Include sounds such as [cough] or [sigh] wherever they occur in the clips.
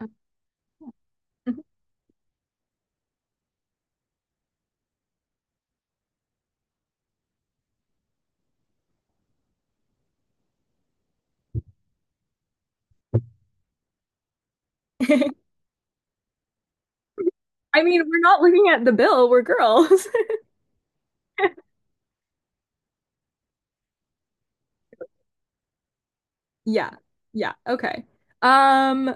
Mhm. [laughs] I mean, we're not looking at the bill, we're girls. [laughs] Yeah. Yeah. Okay. Um,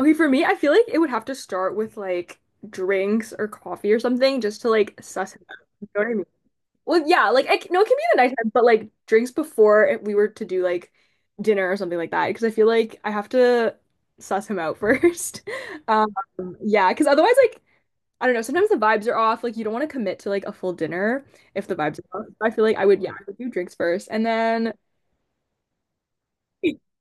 okay, for me, I feel like it would have to start with like drinks or coffee or something, just to like suss it out. You know what I mean? Well, yeah, like I c no, it can be the nighttime, but like drinks before we were to do like dinner or something like that, because I feel like I have to suss him out [laughs] first. Um, yeah, because otherwise, like I don't know, sometimes the vibes are off. Like you don't want to commit to like a full dinner if the vibes are off. I feel like I would, yeah, I would do drinks first, and then [laughs]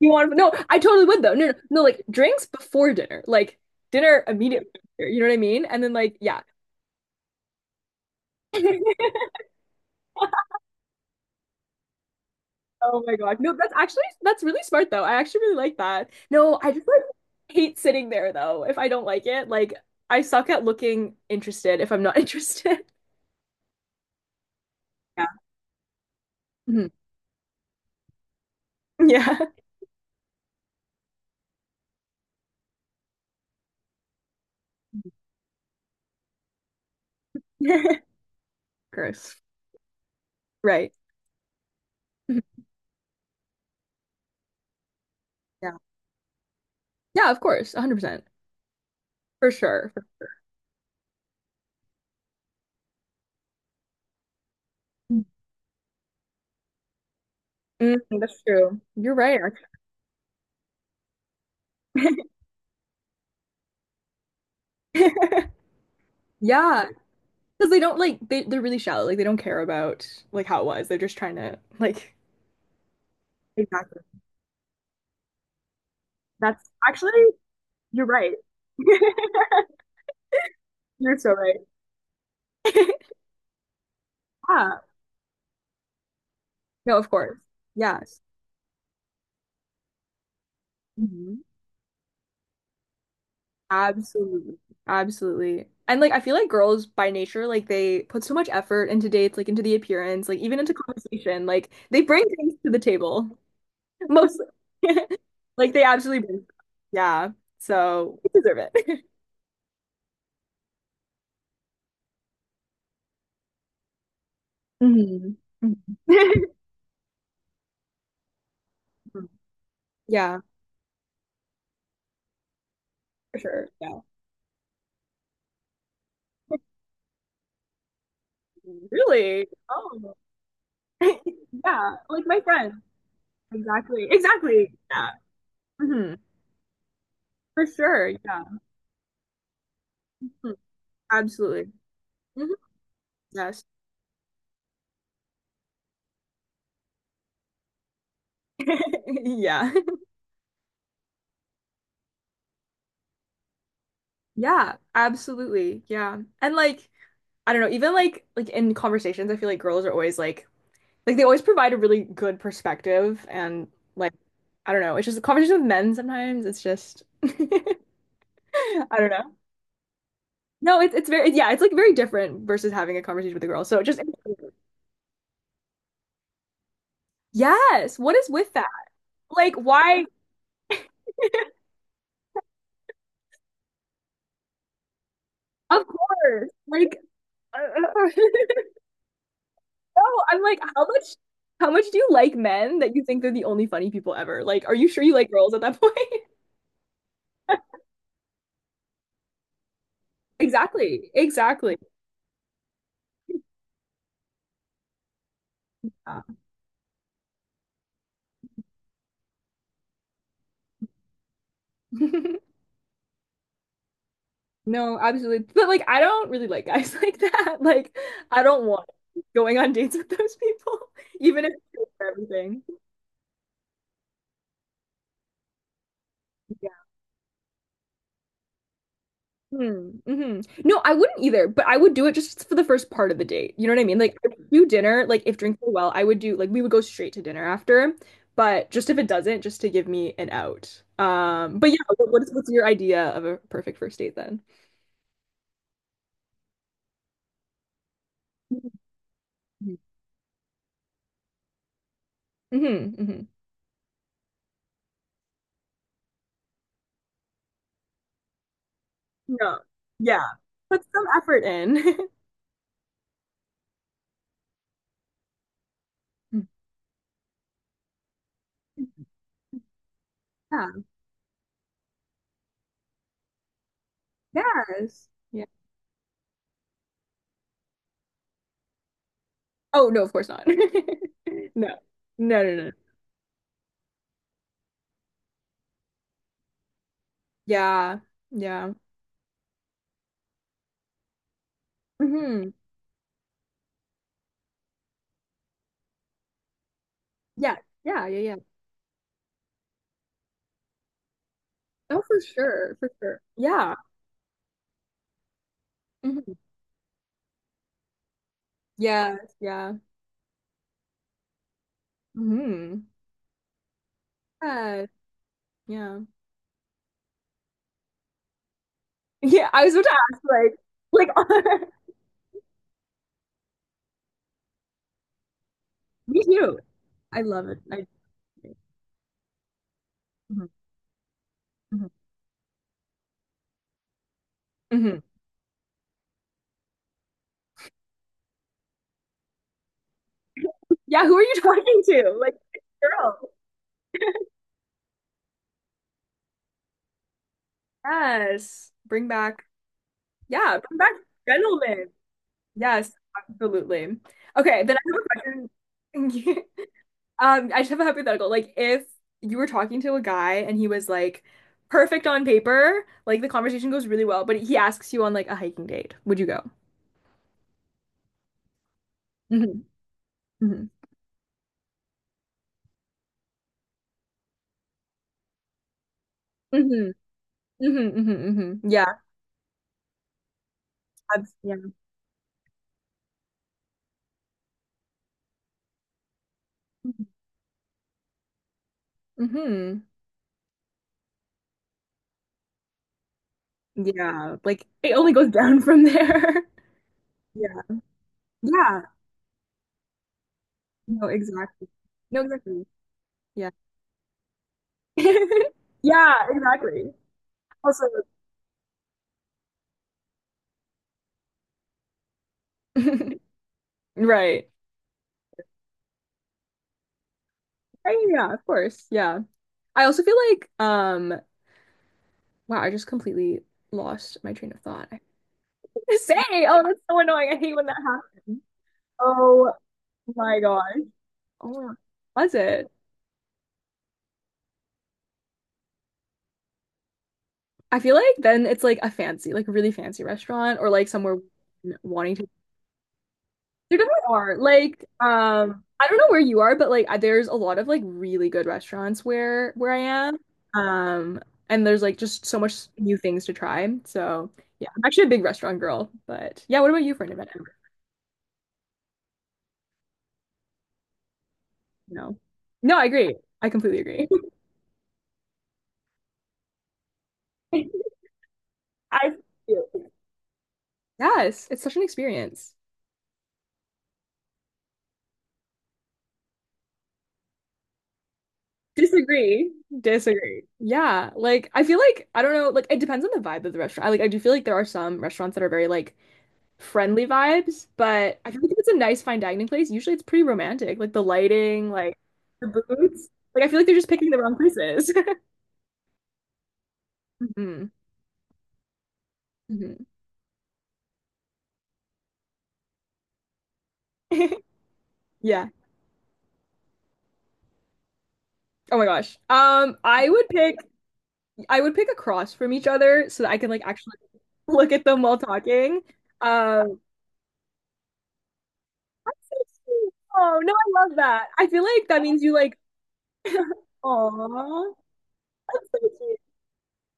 you want no, I totally would though. No, no, no, like drinks before dinner, like dinner immediately. After, you know what I mean? And then like yeah. [laughs] Oh my God. No, that's actually that's really smart though. I actually really like that. No, I just like hate sitting there though if I don't like it. Like I suck at looking interested if I'm not [laughs] interested. Yeah. Mhm. Yeah. [laughs] Gross. Right. Mhm. Yeah. Yeah, of course. 100%. For sure. For- Mm, that's true. You're right, actually. [laughs] Yeah, because they're really shallow. Like they don't care about like how it was. They're just trying to like exactly. That's actually, you're right. [laughs] You're so right. [laughs] Yeah. No, of course. Yes. Mhm. Absolutely. Absolutely. And like I feel like girls by nature, like they put so much effort into dates, like into the appearance, like even into conversation. Like they bring things to the table. Mostly. [laughs] Like they absolutely bring. Yeah. So we deserve it. [laughs] hmm [laughs] Yeah, for sure. Yeah. Really? Oh. [laughs] Yeah. Like my friend. Exactly. Exactly. Yeah. hmm For sure. Yeah. Hmm, absolutely. Mhm. Yes. [laughs] Yeah. Yeah, absolutely. Yeah. And like, I don't know, even like in conversations, I feel like girls are always like they always provide a really good perspective and like I don't know, it's just a conversation with men sometimes. It's just [laughs] I don't know. No, it's very yeah, it's like very different versus having a conversation with a girl. So just yes, what is with that? Like why? Of course. Like [laughs] no, I'm like, how much do you like men that you think they're the only funny people ever? Like, are you sure you like girls at that point? [laughs] Exactly. Exactly. Yeah. [laughs] No, absolutely. But like I don't really like guys [laughs] like that. Like I don't want going on dates with those people, [laughs] even if it's for everything. Hmm. hmm No, I wouldn't either, but I would do it just for the first part of the date. You know what I mean? Like, I would do dinner, like, if drinks go well, I would do, like, we would go straight to dinner after, but just if it doesn't, just to give me an out. But yeah, what's your idea of a perfect first date then? Mm-hmm. hmm No. Yeah. Put some effort in. [laughs] Yeah. Yes. Yeah. Oh, no, of course not. [laughs] No. No, no, no. Yeah. Yeah. hmm Yeah. Yeah. Yeah. Yeah. Oh, for sure, for sure. Yeah. hmm Yes, yeah. hmm Yeah, yeah. [laughs] Yeah, I was about to ask, like, like, [laughs] me too. I love it. I Mhm, mhm, mhm. Yeah, who are you [laughs] talking to? Like, girl. Yes. Bring back, yeah, bring back gentlemen. Yes, absolutely. Okay, then I have a question. [laughs] I just have a hypothetical. Like, if you were talking to a guy and he was like perfect on paper, like the conversation goes really well, but he asks you on like a hiking date, would you go? Hmm hmm hmm hmm hmm hmm Yeah, yeah. hmm Yeah, like it only goes [laughs] down from there. [laughs] Yeah. Yeah. No, exactly. No, exactly. Yeah. [laughs] Yeah, exactly. Also, [laughs] right. Right, yeah, of course. Yeah. I also feel like wow, I just completely lost my train of thought. I [laughs] to say, oh, that's so annoying. I hate when that happens. Oh my gosh. Oh my God. Was it? I feel like then it's like a fancy, like a really fancy restaurant or like somewhere wanting to. There definitely are. Like, I don't know where you are, but like there's a lot of like really good restaurants where I am. Um, and there's like just so much new things to try. So yeah, I'm actually a big restaurant girl. But yeah, what about you for an event? No. No, I agree. I completely agree. [laughs] I yes, it's such an experience. Disagree. Disagree. Yeah, like I feel like I don't know, like it depends on the vibe of the restaurant. I do feel like there are some restaurants that are very like friendly vibes, but I feel like if it's a nice fine dining place, usually it's pretty romantic. Like the lighting, like the booths. Like I feel like they're just picking the wrong places. [laughs] hmm hmm [laughs] Yeah. Oh my gosh. I would pick across from each other so that I could like actually [laughs] look at them while talking. Um, [laughs] oh no, I love that. I feel like that means you like, oh, that's so cute.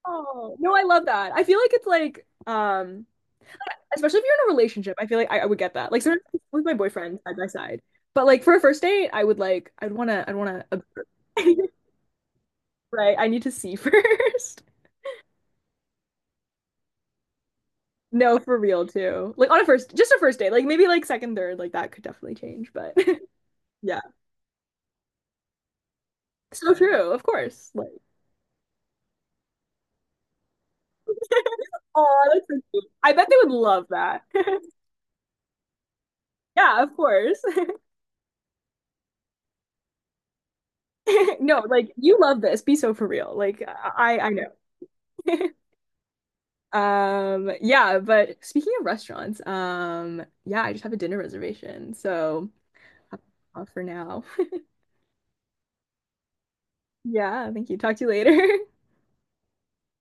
Oh no, I love that. I feel like it's like, especially if you're in a relationship, I feel like I would get that. Like sometimes with my boyfriend side by side, but like for a first date, I would like, I'd wanna, [laughs] right? I need to see [laughs] first. No, for real too. Like on a just a first date. Like maybe like second, third, like that could definitely change, but [laughs] yeah. So true, of course. Like, [laughs] oh, that's so cute. I bet they would love that. [laughs] Yeah, of course. [laughs] No, like you love this. Be so for real. Like I know. [laughs] Yeah, but speaking of restaurants, yeah, I just have a dinner reservation, so I'll have to off for now. [laughs] Yeah, thank you. Talk to you later. [laughs]